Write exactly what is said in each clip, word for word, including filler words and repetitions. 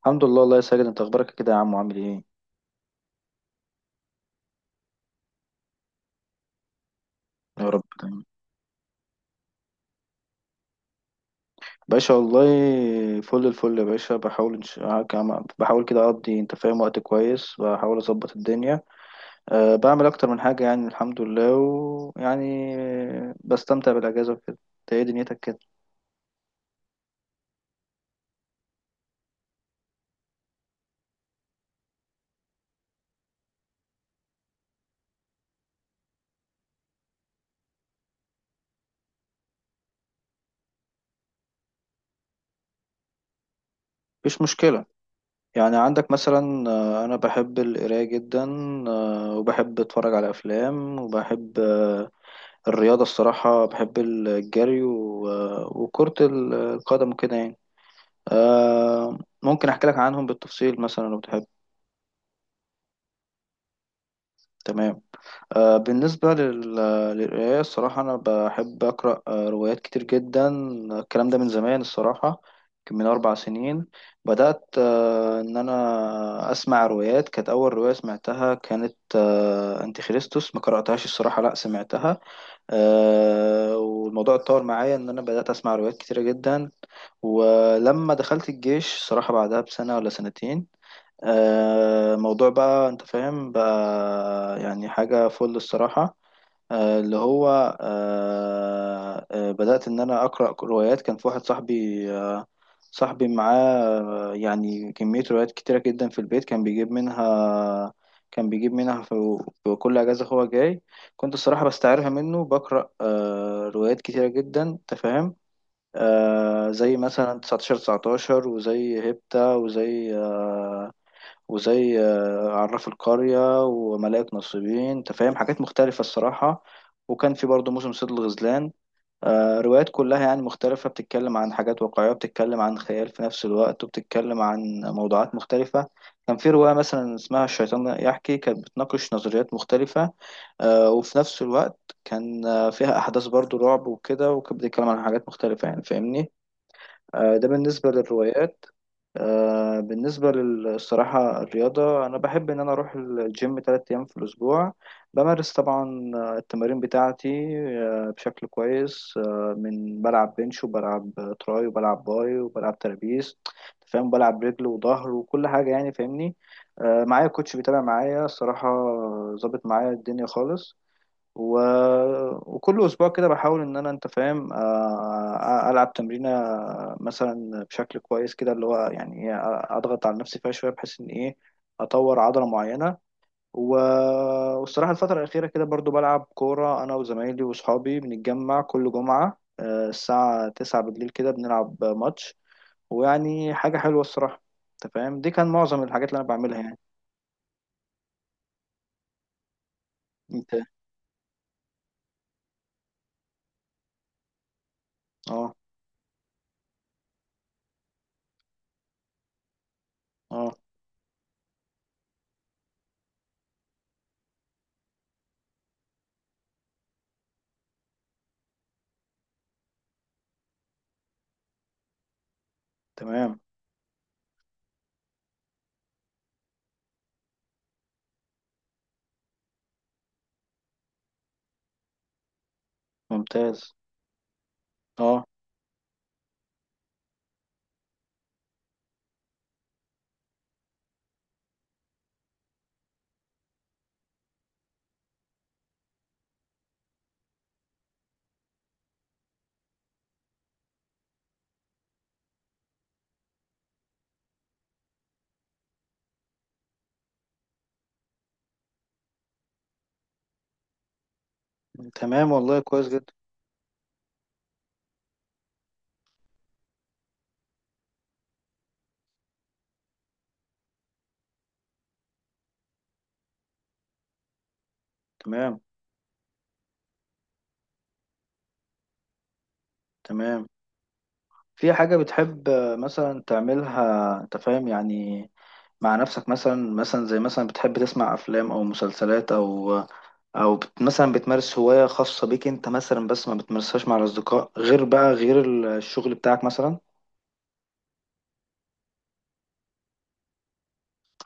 الحمد لله الله يا ساجد، انت اخبارك إيه كده يا عم، وعامل ايه؟ يا رب تمام. باشا والله. فل الفل يا باشا. بحاول انش... كم- بحاول كده اقضي، انت فاهم، وقت كويس، بحاول اظبط الدنيا. أه بعمل اكتر من حاجه يعني، الحمد لله، ويعني بستمتع بالاجازه وكده. انت ايه دنيتك كده؟ مفيش مشكله. يعني عندك مثلا، آه، انا بحب القرايه جدا. آه، وبحب اتفرج على افلام، وبحب آه، الرياضه الصراحه، بحب الجري و- آه، وكره القدم كده يعني. آه ممكن احكي لك عنهم بالتفصيل مثلا لو تحب. تمام. آه بالنسبة لل... للقراية الصراحة، أنا بحب أقرأ آه روايات كتير جدا. الكلام ده من زمان الصراحة. يمكن من أربع سنين بدأت، آه إن أنا أسمع روايات. كانت أول رواية سمعتها كانت آه أنتي خريستوس، ما قرأتهاش الصراحة، لأ سمعتها. آه والموضوع اتطور معايا إن أنا بدأت أسمع روايات كتيرة جدا. ولما دخلت الجيش صراحة بعدها بسنة ولا سنتين، آه، موضوع بقى انت فاهم بقى، يعني حاجة فل الصراحة، آه، اللي هو آه، آه، بدأت ان انا اقرأ روايات. كان في واحد صاحبي، آه، صاحبي معاه آه، يعني كمية روايات كتيرة جدا في البيت. كان بيجيب منها، كان بيجيب منها في في كل اجازة هو جاي. كنت الصراحة بستعيرها منه، بقرأ آه، روايات كتيرة جدا، انت فاهم. آه، زي مثلا تسعتاشر تسعتاشر، وزي هيبتا، وزي آه، وزي آه، عراف القرية وملائكة نصيبين، انت فاهم، حاجات مختلفة الصراحة. وكان في برضه موسم صيد الغزلان. آه، روايات كلها يعني مختلفة، بتتكلم عن حاجات واقعية، بتتكلم عن خيال في نفس الوقت، وبتتكلم عن موضوعات مختلفة. كان في رواية مثلا اسمها الشيطان يحكي، كانت بتناقش نظريات مختلفة، آه، وفي نفس الوقت كان آه، فيها أحداث برضه رعب وكده، وكانت بتتكلم عن حاجات مختلفة يعني، فاهمني. آه، ده بالنسبة للروايات. آه، بالنسبة للصراحة الرياضة، أنا بحب إن أنا أروح الجيم تلات أيام في الأسبوع. بمارس طبعا آه، التمارين بتاعتي آه، بشكل كويس. آه، من بلعب بنش، وبلعب تراي، وبلعب باي، وبلعب ترابيز، فاهم، بلعب رجل وظهر وكل حاجة يعني، فاهمني. آه، معايا كوتش بيتابع معايا الصراحة، ظابط معايا الدنيا خالص. و... وكل اسبوع كده بحاول ان انا، انت فاهم، آه، العب تمرينه مثلا بشكل كويس كده، اللي هو يعني ايه، اضغط على نفسي فيها شويه بحيث ان ايه، اطور عضله معينه. و... والصراحه الفتره الاخيره كده برضو بلعب كوره انا وزمايلي واصحابي، بنتجمع كل جمعه آه، الساعه تسعة بالليل كده بنلعب ماتش، ويعني حاجه حلوه الصراحه، انت فاهم. دي كان معظم الحاجات اللي انا بعملها يعني. انت. اه. اه. تمام. ممتاز. اه. تمام والله، كويس جدا. تمام. تمام. في حاجة بتحب آه، مثلا تعملها، انت فاهم يعني، مع نفسك مثلا؟ مثلا زي مثلا بتحب تسمع افلام او مسلسلات، او او بت مثلا بتمارس هواية خاصة بيك انت مثلا، بس ما بتمارسهاش مع الاصدقاء، غير بقى غير ال- الشغل بتاعك مثلا؟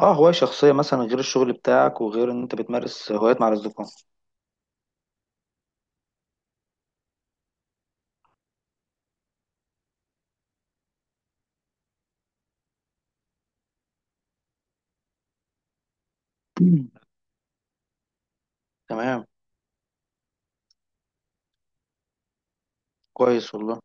اه، هواية شخصية مثلا، غير الشغل بتاعك وغير ان انت بتمارس هوايات مع الاصدقاء. تمام. كويس والله.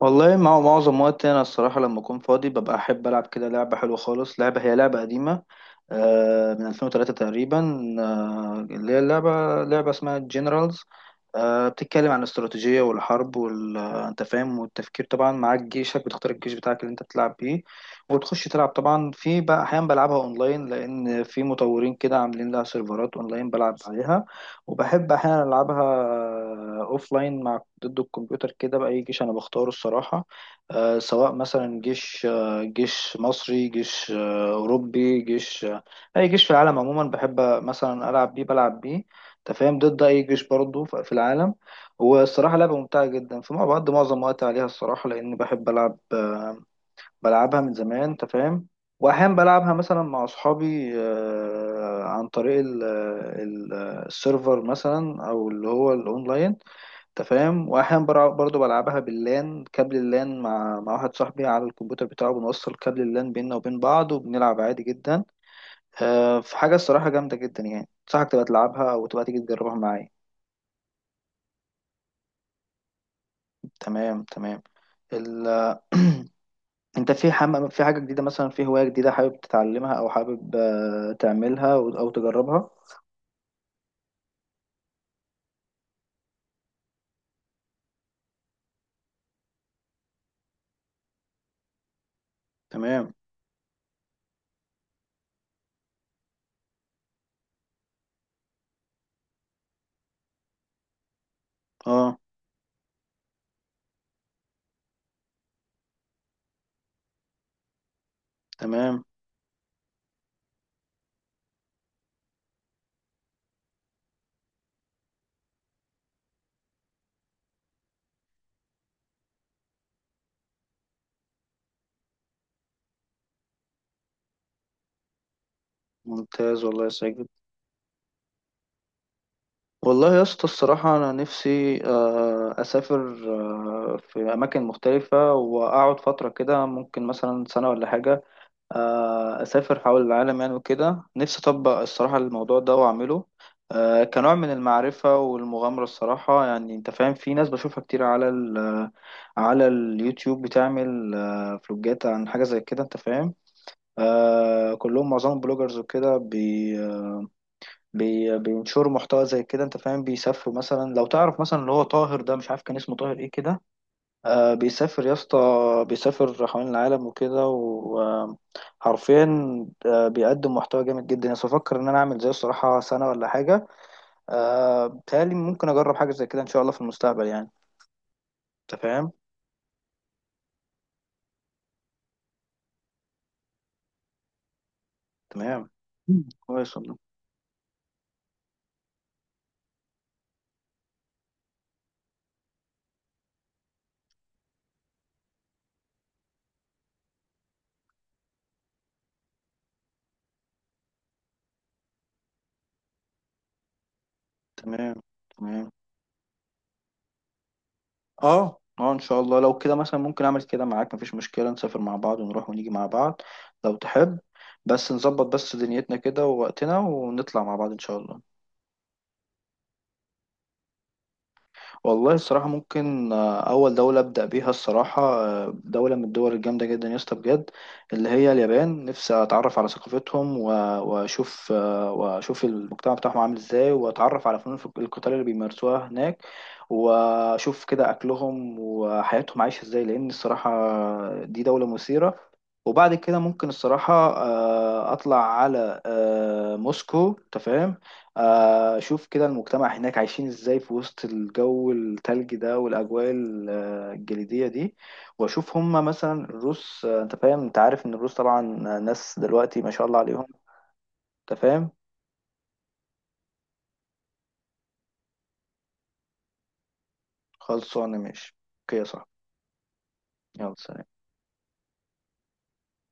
والله مع معظم وقتي انا الصراحه، لما اكون فاضي ببقى احب العب كده لعبه حلوه خالص. لعبه هي لعبه قديمه آه، من ألفين وتلاتة تقريبا، آه، اللي هي اللعبة لعبة اسمها جنرالز. بتتكلم عن الاستراتيجية والحرب وال آه، انت فاهم، والتفكير. طبعا معاك جيشك، بتختار الجيش بتاعك اللي انت بتلعب بيه وتخش تلعب. طبعا في بقى احيانا بلعبها اونلاين، لان في مطورين كده عاملين لها سيرفرات اونلاين بلعب عليها. وبحب احيانا العبها اوفلاين مع ضد الكمبيوتر كده، بأي جيش انا بختاره الصراحة. آه، سواء مثلا جيش آه، جيش مصري، جيش آه، اوروبي، جيش اي جيش في العالم عموما، بحب مثلا العب بيه، بلعب بيه، انت فاهم، ضد اي جيش برضه ف- في العالم. والصراحه لعبه ممتعه جدا. فمع بعض معظم وقتي عليها الصراحه، لان بحب العب آه، بلعبها من زمان، انت فاهم. واحيانا بلعبها مثلا مع اصحابي آه، عن طريق ال- ال- السيرفر مثلا، او اللي هو الاونلاين، انت فاهم. واحيانا برع- برضه بلعبها باللان، كابل اللان، مع مع واحد صاحبي على الكمبيوتر بتاعه، بنوصل كابل اللان بيننا وبين بعض وبنلعب عادي جدا. آه، في حاجة الصراحة جامدة جدا يعني، أنصحك تبقى تلعبها أو تبقى تيجي تجربها معايا. تمام. تمام. ال... أنت في حم... في حاجة جديدة مثلا، في هواية جديدة حابب تتعلمها، أو حابب آه، تعملها، أو أو تجربها؟ تمام. أه. تمام. ممتاز والله يا ساجد. والله يا اسطى الصراحة أنا نفسي آه، أسافر آه، في أماكن مختلفة وأقعد فترة كده، ممكن مثلا سنة ولا حاجة. آه، أسافر حول العالم يعني وكده. نفسي أطبق الصراحة الموضوع ده وأعمله، آه، كنوع من المعرفة والمغامرة الصراحة يعني. أنت فاهم، في ناس بشوفها كتير على ال على اليوتيوب بتعمل آه، فلوجات عن حاجة زي كده، أنت فاهم. آه، كلهم معظمهم بلوجرز وكده، بي بي بينشروا محتوى زي كده، أنت فاهم. بيسافروا مثلا، لو تعرف مثلا اللي هو طاهر ده، مش عارف كان اسمه طاهر إيه كده. آه، بيسافر يا اسطى، بيسافر حوالين العالم وكده، وحرفيا آه بيقدم محتوى جامد جدا يعني. بفكر ان انا اعمل زيه الصراحة سنة ولا حاجة. آه بيتهيألي ممكن اجرب حاجة زي كده ان شاء الله في المستقبل يعني، انت فاهم. تمام. مم. كويس والله. تمام. تمام. اه. اه. ان شاء الله لو كده مثلا ممكن اعمل كده معاك، مفيش مشكلة، نسافر مع بعض، ونروح ونيجي مع بعض لو تحب. بس نظبط بس دنيتنا كده ووقتنا، ونطلع مع بعض ان شاء الله. والله الصراحة ممكن، آه، أول دولة أبدأ بيها الصراحة، آه، دولة من الدول الجامدة جدا يا اسطى بجد، اللي هي اليابان. نفسي أتعرف على ثقافتهم و- وأشوف آه، وأشوف المجتمع بتاعهم عامل إزاي، وأتعرف على فنون القتال اللي بيمارسوها هناك، وأشوف كده أكلهم وحياتهم عايشة إزاي. لأن الصراحة دي دولة مثيرة. وبعد كده ممكن الصراحة آه، أطلع على آه، موسكو، تفهم، آه، اشوف كده المجتمع هناك عايشين ازاي في وسط الجو التلج ده، والاجواء ال- آه، الجليديه دي. واشوف هما مثلا الروس، آه، انت فاهم، انت عارف ان الروس طبعا ناس دلوقتي ما شاء الله عليهم. انت فاهم. خلصانه ماشي. اوكي يا صاحبي. يلا سلام.